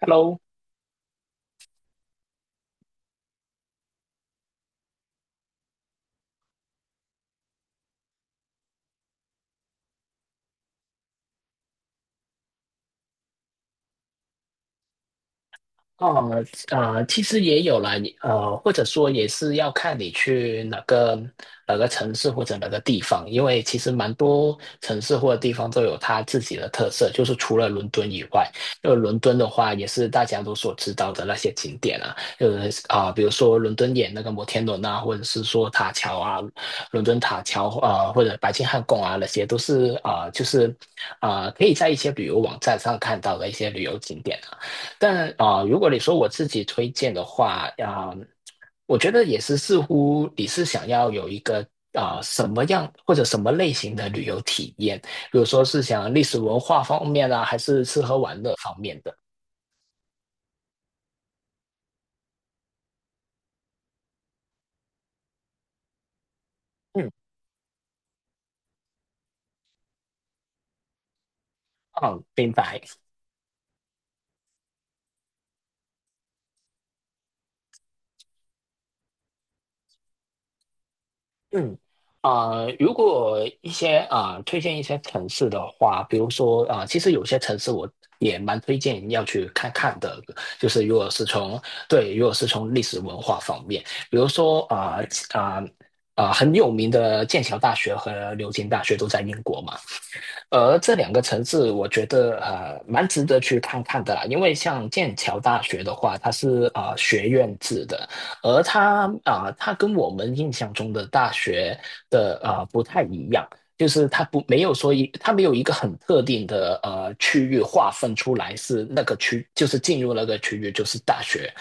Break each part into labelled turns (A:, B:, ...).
A: Hello，哦呃其实也有了，或者说也是要看你去哪个城市或者哪个地方，因为其实蛮多城市或者地方都有它自己的特色，就是除了伦敦以外，因为伦敦的话也是大家都所知道的那些景点啊，就是比如说伦敦眼那个摩天轮啊，或者是说塔桥啊，伦敦塔桥啊或者白金汉宫啊，那些都是就是可以在一些旅游网站上看到的一些旅游景点啊。但如果你说我自己推荐的话，我觉得也是似乎你是想要有一个什么样或者什么类型的旅游体验，比如说是想历史文化方面啊，还是吃喝玩乐方面的？嗯，好，明白。嗯，啊、如果一些啊、推荐一些城市的话，比如说其实有些城市我也蛮推荐要去看看的，就是如果是从对，如果是从历史文化方面，比如说啊很有名的剑桥大学和牛津大学都在英国嘛，而这两个城市，我觉得蛮值得去看看的啦，因为像剑桥大学的话，它是学院制的，而它跟我们印象中的大学的不太一样，就是它没有一个很特定的区域划分出来是那个区，就是进入那个区域就是大学。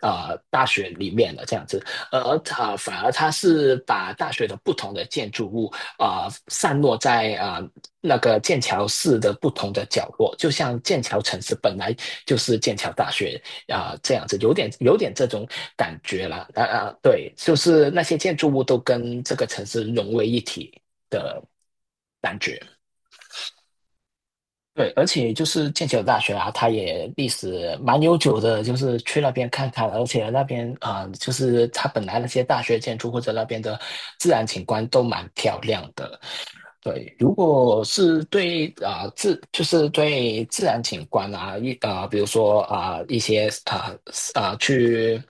A: 大学里面的这样子，而它反而它是把大学的不同的建筑物散落在那个剑桥市的不同的角落，就像剑桥城市本来就是剑桥大学这样子，有点这种感觉啦。对，就是那些建筑物都跟这个城市融为一体的感觉。对，而且就是剑桥大学啊，它也历史蛮悠久的，就是去那边看看，而且那边就是它本来那些大学建筑或者那边的自然景观都蛮漂亮的。对，如果是对啊、呃自就是对自然景观啊，比如说一些去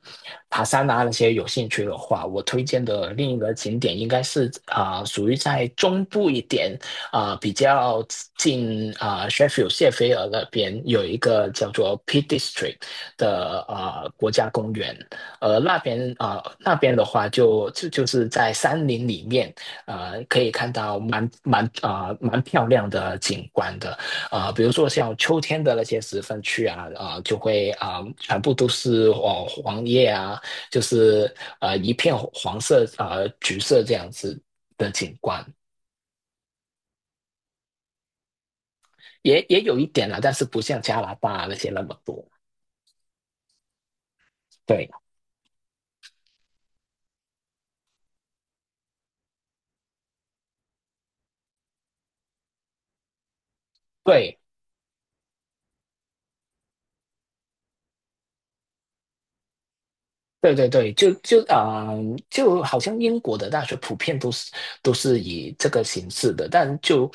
A: 爬山啊那些有兴趣的话，我推荐的另一个景点应该是属于在中部一点比较近Sheffield 谢菲尔那边有一个叫做 Peak District 的国家公园，那边那边的话就是在山林里面。可以看到蛮漂亮的景观的，比如说像秋天的那些十分区啊，就会全部都是黄叶啊，就是一片黄色啊、橘色这样子的景观，也有一点啦，但是不像加拿大那些那么多。对对，对对对，就好像英国的大学普遍都是以这个形式的，但就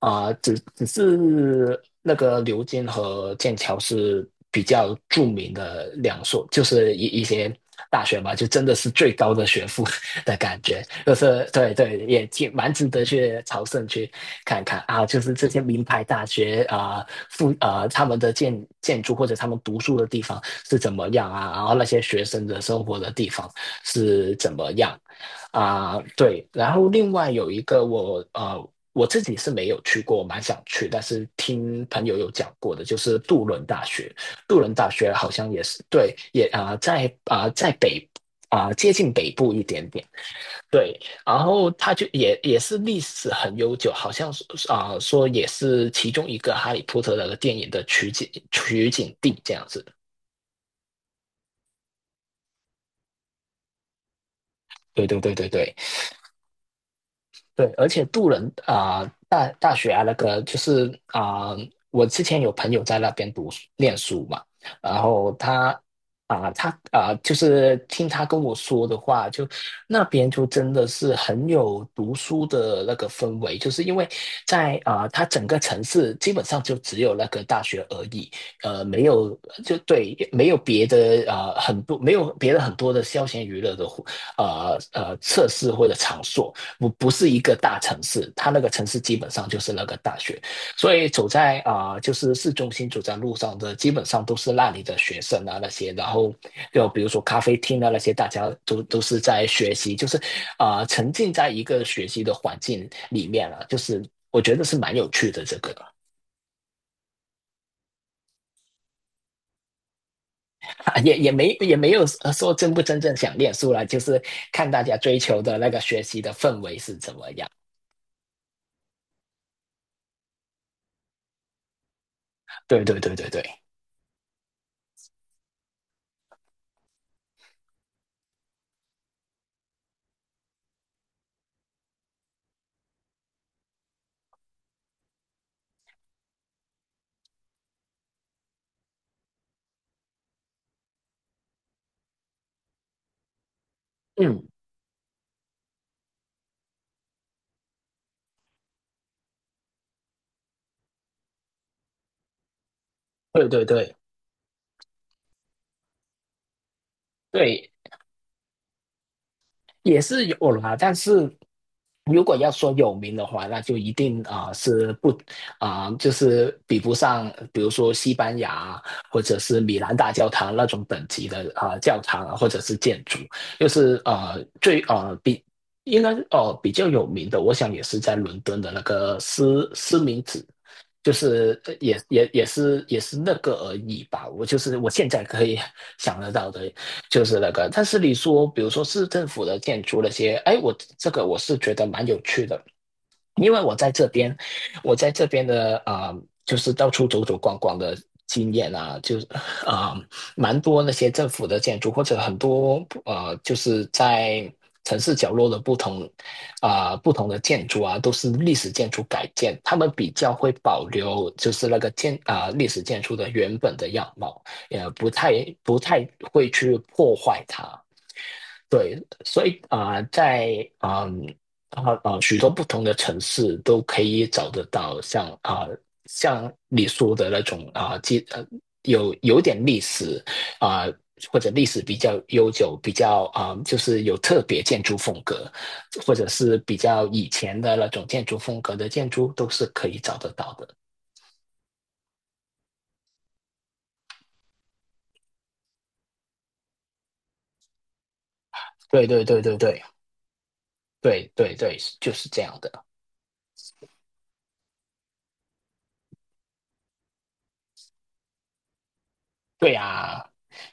A: 只是那个牛津和剑桥是比较著名的两所，就是一些大学嘛，就真的是最高的学府 的感觉，就是对对，也挺蛮值得去朝圣去看看啊，就是这些名牌大学啊、呃附啊、呃他们的建筑或者他们读书的地方。是怎么样啊，然后那些学生的生活的地方是怎么样啊，对，然后另外有一个我。我自己是没有去过，我蛮想去，但是听朋友有讲过的，就是杜伦大学。杜伦大学好像也是对，也在北接近北部一点点，对。然后它就也是历史很悠久，好像是说也是其中一个《哈利波特》的电影的取景地这样子。对对对对对。对，而且杜伦大学啊，那个就是我之前有朋友在那边读书念书嘛，然后他，就是听他跟我说的话，就那边就真的是很有读书的那个氛围，就是因为在他整个城市基本上就只有那个大学而已，没有就对，没有别的很多没有别的很多的消闲娱乐的活设施或者场所，不是一个大城市，它那个城市基本上就是那个大学，所以走在就是市中心走在路上的，基本上都是那里的学生啊那些，然后就比如说咖啡厅啊那些，大家都是在学习，就是沉浸在一个学习的环境里面了，就是我觉得是蛮有趣的这个，也没有说真不真正想念书了，就是看大家追求的那个学习的氛围是怎么样。对对对对对，嗯，对对对对，也是有啦，但是如果要说有名的话，那就一定啊、呃是不就是比不上，比如说西班牙或者是米兰大教堂那种等级的教堂啊或者是建筑，就是最比应该比较有名的，我想也是在伦敦的那个斯明子。就是也是那个而已吧，我就是我现在可以想得到的就是那个。但是你说，比如说市政府的建筑那些，哎，我这个我是觉得蛮有趣的，因为我在这边，我在这边的就是到处走走逛逛的经验啊，就是啊、呃蛮多那些政府的建筑，或者很多，就是在城市角落的不同不同的建筑啊，都是历史建筑改建，他们比较会保留就是那个历史建筑的原本的样貌，也不太会去破坏它。对，所以在许多不同的城市都可以找得到像像你说的那种有点历史啊、或者历史比较悠久，比较就是有特别建筑风格，或者是比较以前的那种建筑风格的建筑都是可以找得到的。对对对对对对对对，就是这样的。对呀，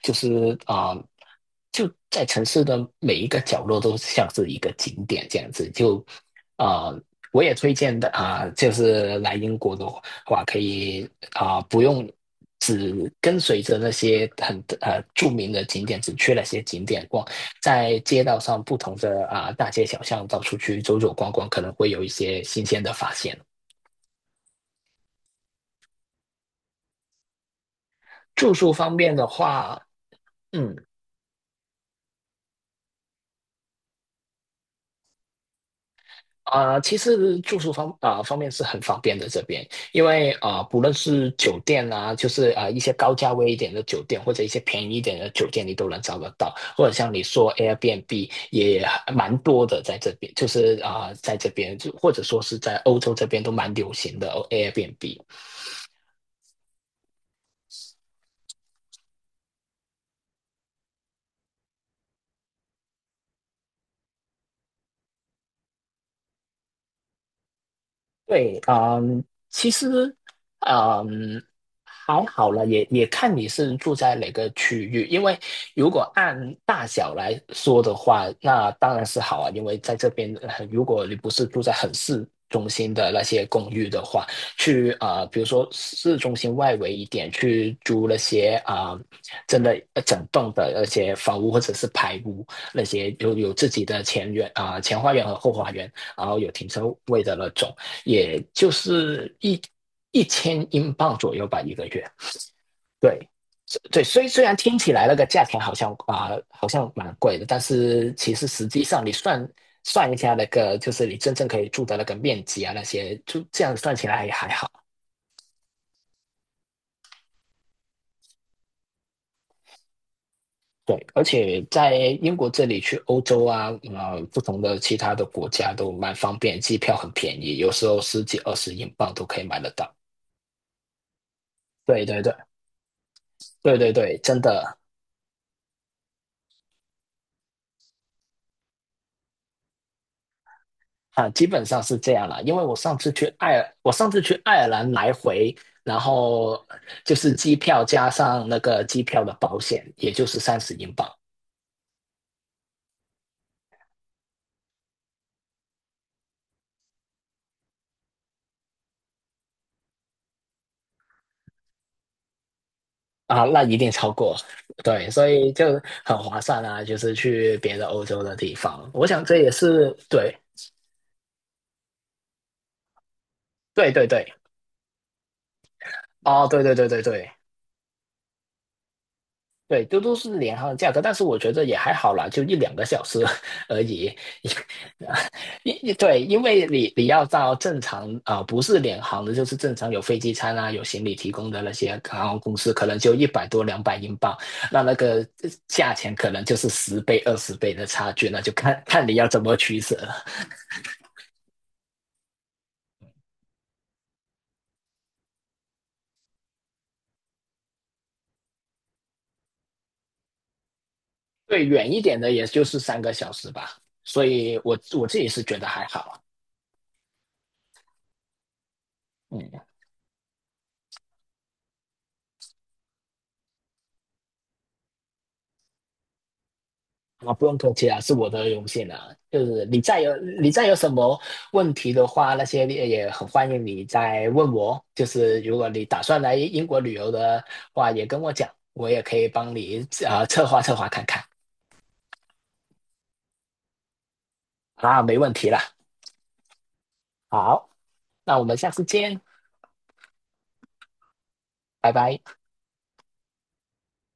A: 就是就在城市的每一个角落都像是一个景点这样子。就啊、呃我也推荐的就是来英国的话，可以不用只跟随着那些很著名的景点，只去那些景点逛，在街道上不同的大街小巷到处去走走逛逛，可能会有一些新鲜的发现。住宿方面的话，嗯。其实住宿方面是很方便的这边，因为不论是酒店啊，就是一些高价位一点的酒店，或者一些便宜一点的酒店，你都能找得到。或者像你说 Airbnb 也蛮多的，在这边就是在这边就或者说是在欧洲这边都蛮流行的哦 Airbnb。对，嗯，其实，嗯，还好了，也看你是住在哪个区域，因为如果按大小来说的话，那当然是好啊，因为在这边，如果你不是住在很市中心的那些公寓的话，去比如说市中心外围一点去租那些真的整栋的那些房屋或者是排屋，那些有自己的前院前花园和后花园。然后有停车位的那种，也就是一千英镑左右吧，一个月。对，对，虽然听起来那个价钱好像啊、好像蛮贵的，但是其实实际上你算一下那个，就是你真正可以住的那个面积啊，那些就这样算起来也还好。对，而且在英国这里去欧洲啊，不同的其他的国家都蛮方便，机票很便宜，有时候十几二十英镑都可以买得到。对对对对对对，真的。啊，基本上是这样啦，因为我上次去爱尔，我上次去爱尔兰来回，然后就是机票加上那个机票的保险，也就是30英镑啊，那一定超过，对，所以就很划算啊，就是去别的欧洲的地方，我想这也是对，对对对，哦，对对对对对对，都是联航的价格，但是我觉得也还好啦，就一两个小时 而已，对，因为你要到正常不是联航的，就是正常有飞机餐啊，有行李提供的那些航空公司，可能就一百多两百英镑，那个价钱可能就是10倍20倍的差距，那就看看你要怎么取舍了。对，远一点的也就是3个小时吧，所以我自己是觉得还好，嗯。啊，不用客气啊，是我的荣幸啊。就是你再有什么问题的话，那些也很欢迎你再问我。就是如果你打算来英国旅游的话，也跟我讲，我也可以帮你策划策划看看。啊，没问题啦。好，那我们下次见，拜拜。